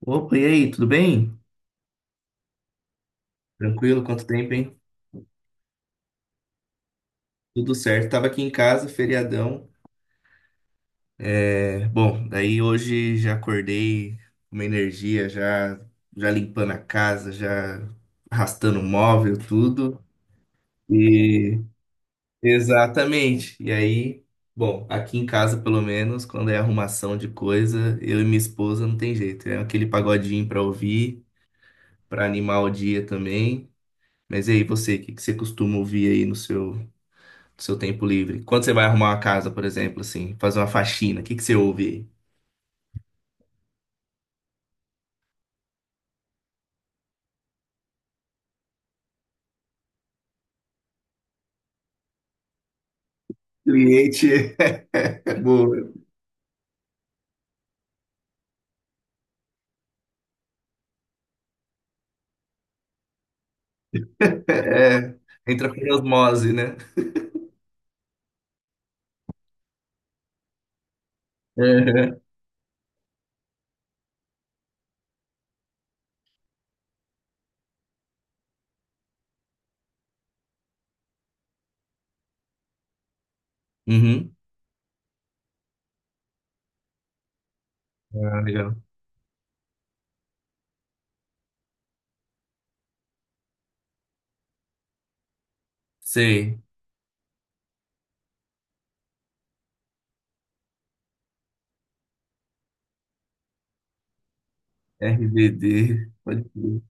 Opa, e aí, tudo bem? Tranquilo, quanto tempo, hein? Tudo certo. Tava aqui em casa, feriadão. É, bom, daí hoje já acordei com uma energia, já, já limpando a casa, já arrastando o móvel, tudo. E exatamente. E aí, bom, aqui em casa, pelo menos, quando é arrumação de coisa, eu e minha esposa não tem jeito. É aquele pagodinho pra ouvir, pra animar o dia também. Mas e aí, você, o que que você costuma ouvir aí no seu seu tempo livre. Quando você vai arrumar uma casa, por exemplo, assim, fazer uma faxina, o que que você ouve aí? Cliente, é boa. É, entra com osmose, né? É. Uhum. Ah, legal. Sei. RBD. Pode ser.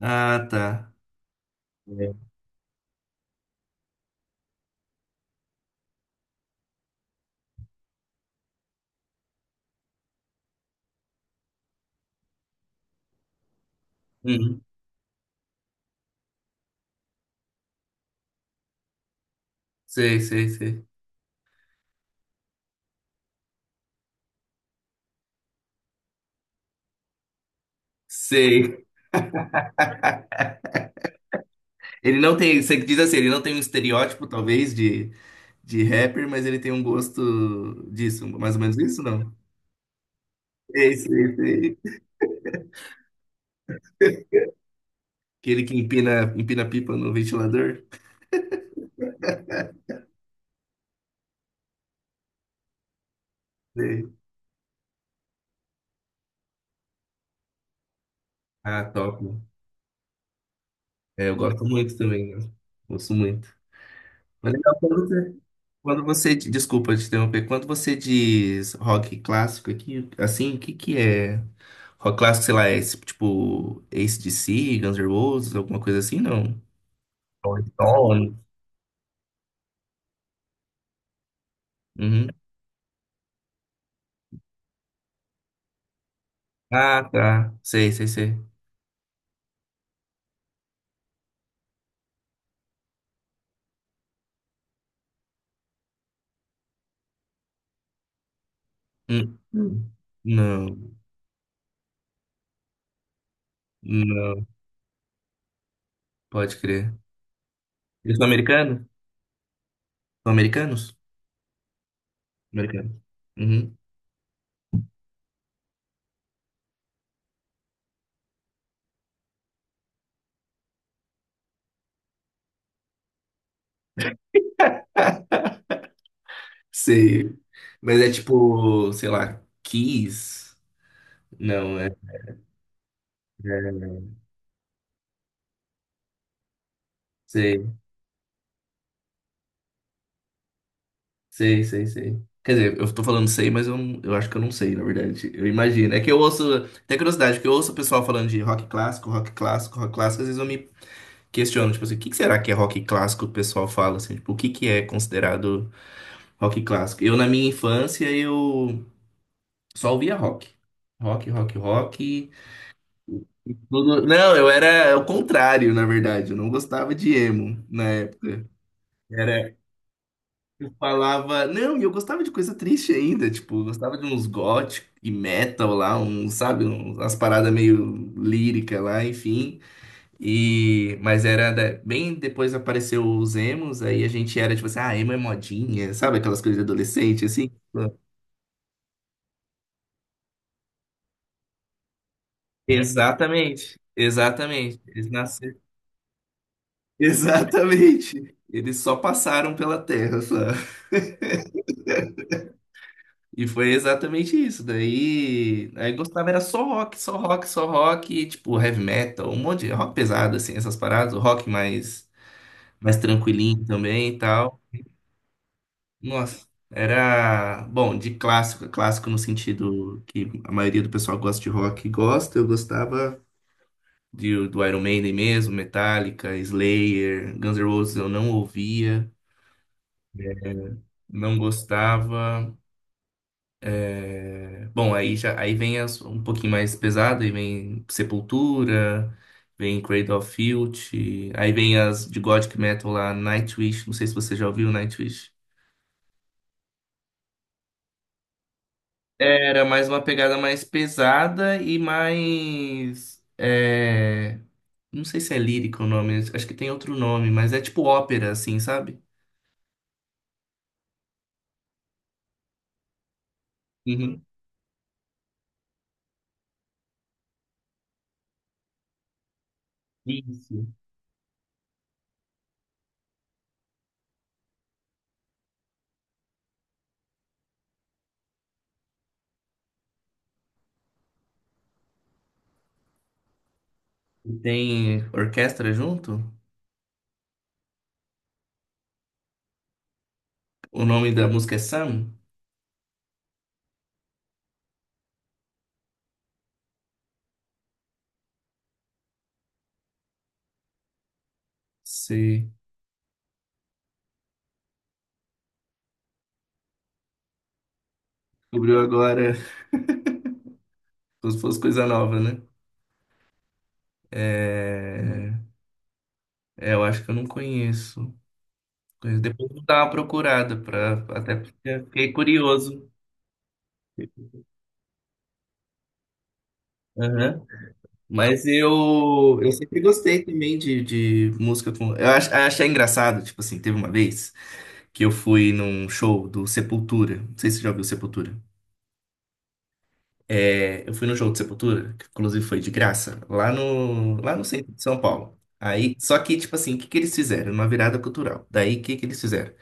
Ah, tá. É. Uhum. Sei, sei, sei. Sei. Ele não tem, você diz assim, ele não tem um estereótipo, talvez, de rapper, mas ele tem um gosto disso, mais ou menos isso, não? Sei, sei, sei. Aquele que empina, empina pipa no ventilador. Sei. Ah, top. É, eu gosto muito também, né? Gosto muito. Mas é legal quando você, quando você. Desculpa te interromper. Quando você diz rock clássico aqui, assim, o que que é? Rock clássico, sei lá, é esse, tipo AC/DC, Guns N' Roses, alguma coisa assim, não? Rolling Stones. Uhum. Ah, tá. Sei, sei, sei. Hum. Hum. Não, não. Pode crer. Eles são americanos? São americanos? Americanos. Uhum. Sei. Mas é tipo, sei lá, Kiss? Não, é. É, sei, sei, sei, sei. Quer dizer, eu tô falando sei, mas eu, não- eu acho que eu não sei, na verdade. Eu imagino. É que eu ouço. Tem curiosidade, porque eu ouço o pessoal falando de rock clássico, rock clássico, rock clássico. Às vezes eu me questiono, tipo assim, o que que será que é rock clássico? O pessoal fala assim, tipo, o que que é considerado rock clássico? Eu, na minha infância, eu só ouvia rock. Rock, rock, rock. Tudo- não, eu era é o contrário, na verdade. Eu não gostava de emo na época. Era, eu falava, não, e eu gostava de coisa triste ainda, tipo, eu gostava de uns gothic e metal lá, um sabe, um umas paradas meio lírica lá, enfim. E, mas era da- bem depois apareceu os emos, aí a gente era tipo assim, ah, emo é modinha, sabe aquelas coisas de adolescente assim? Exatamente, exatamente. Eles nasceram. Exatamente. Eles só passaram pela terra, só. E foi exatamente isso. Daí, aí gostava era só rock, só rock, só rock, e, tipo heavy metal, um monte de rock pesado assim, essas paradas, o rock mais mais tranquilinho também e tal. Nossa, era bom, de clássico, clássico no sentido que a maioria do pessoal gosta de rock, e gosta, eu gostava de, do Iron Maiden mesmo, Metallica, Slayer, Guns N' Roses eu não ouvia, não gostava. Bom, aí já aí vem as- um pouquinho mais pesado, aí vem Sepultura, vem Cradle of Filth, aí vem as de Gothic Metal lá, Nightwish, não sei se você já ouviu Nightwish. Era mais uma pegada mais pesada e mais. É, não sei se é lírico o nome, acho que tem outro nome, mas é tipo ópera, assim, sabe? Uhum. Isso. E tem orquestra junto? O nome da música é Sam? Você descobriu agora, como se fosse coisa nova, né? É, é, eu acho que eu não conheço. Conheço. Depois eu vou dar uma procurada, pra, até porque fiquei curioso. Aham. Mas eu sempre gostei também de música com. Eu ach, achei engraçado, tipo assim, teve uma vez que eu fui num show do Sepultura. Não sei se você já ouviu Sepultura. É, eu fui no show do Sepultura, que inclusive foi de graça, lá no centro de São Paulo. Aí, só que, tipo assim, o que que eles fizeram? Uma virada cultural. Daí, o que que eles fizeram?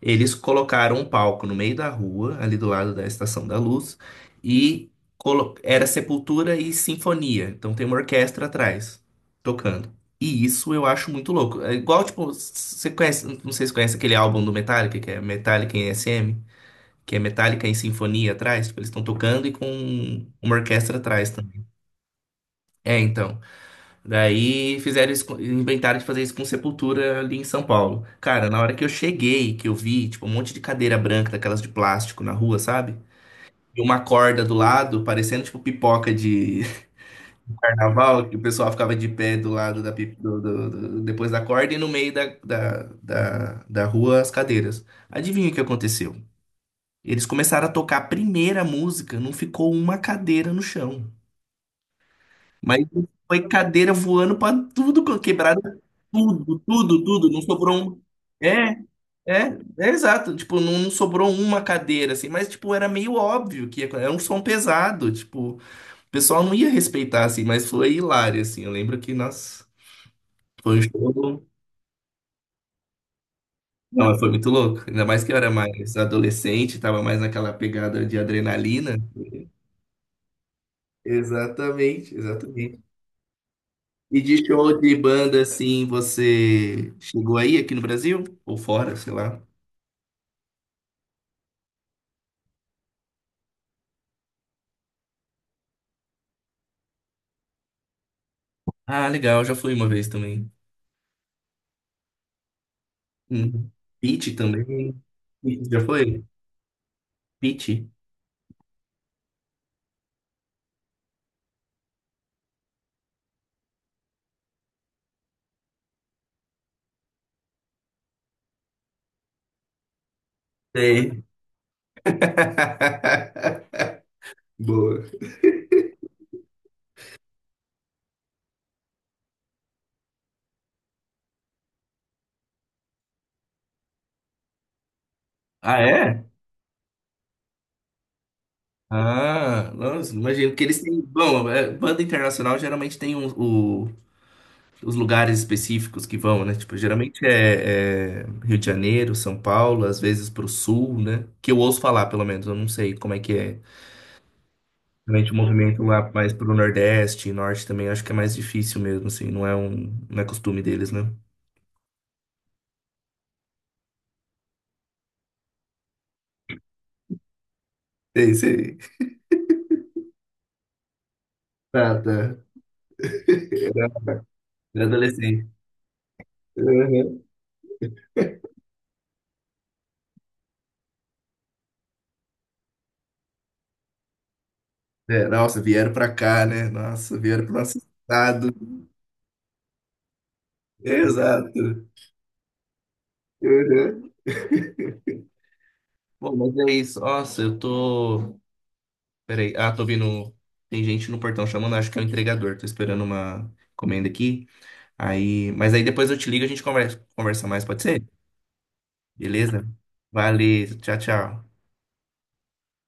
Eles colocaram um palco no meio da rua, ali do lado da Estação da Luz, e colo- era sepultura e sinfonia. Então tem uma orquestra atrás, tocando. E isso eu acho muito louco. É igual, tipo, você conhece, não sei se conhece aquele álbum do Metallica, que é Metallica em SM, que é Metallica em sinfonia atrás, tipo, eles estão tocando e com uma orquestra atrás também. É, então. Daí fizeram isso, com- inventaram de fazer isso com Sepultura ali em São Paulo. Cara, na hora que eu cheguei, que eu vi, tipo, um monte de cadeira branca, daquelas de plástico na rua, sabe? E uma corda do lado, parecendo tipo pipoca de carnaval, que o pessoal ficava de pé do lado da, pip- do, do- do- depois da corda e no meio da, da, da, da rua as cadeiras. Adivinha o que aconteceu? Eles começaram a tocar a primeira música, não ficou uma cadeira no chão. Mas foi cadeira voando pra tudo, co- quebrada, tudo, tudo, tudo. Não sobrou um. É, é, é exato. Tipo, não, não sobrou uma cadeira, assim. Mas, tipo, era meio óbvio que ia- era um som pesado. Tipo, o pessoal não ia respeitar, assim. Mas foi hilário, assim. Eu lembro que, nossa, foi um show. Não, mas foi muito louco. Ainda mais que eu era mais adolescente, tava mais naquela pegada de adrenalina. Exatamente, exatamente. E de show de banda, assim, você chegou aí aqui no Brasil? Ou fora, sei lá. Ah, legal, já fui uma vez também. Hum. Pitty também. Pitty, já foi? Pitty? Tem. Boa. Ah, é? Ah, nossa, imagino que eles têm. Bom, é, banda internacional geralmente tem um- o- os lugares específicos que vão, né? Tipo, geralmente é, é Rio de Janeiro, São Paulo, às vezes pro sul, né? Que eu ouço falar, pelo menos, eu não sei como é que é. Realmente o movimento lá mais pro Nordeste e Norte também acho que é mais difícil mesmo, assim, não é um, não é costume deles, né? Sei, sei. Tá, tá. Era, era adolescente. Uhum. É, nossa, vieram pra cá, né? Nossa, vieram pro nosso estado. Exato. Uhum. Bom, mas é isso. Nossa, eu tô. Peraí. Ah, tô vindo. Tem gente no portão chamando, acho que é o entregador. Tô esperando uma encomenda aqui. Aí... mas aí depois eu te ligo e a gente conversa, conversa mais, pode ser? Beleza? Valeu, tchau, tchau.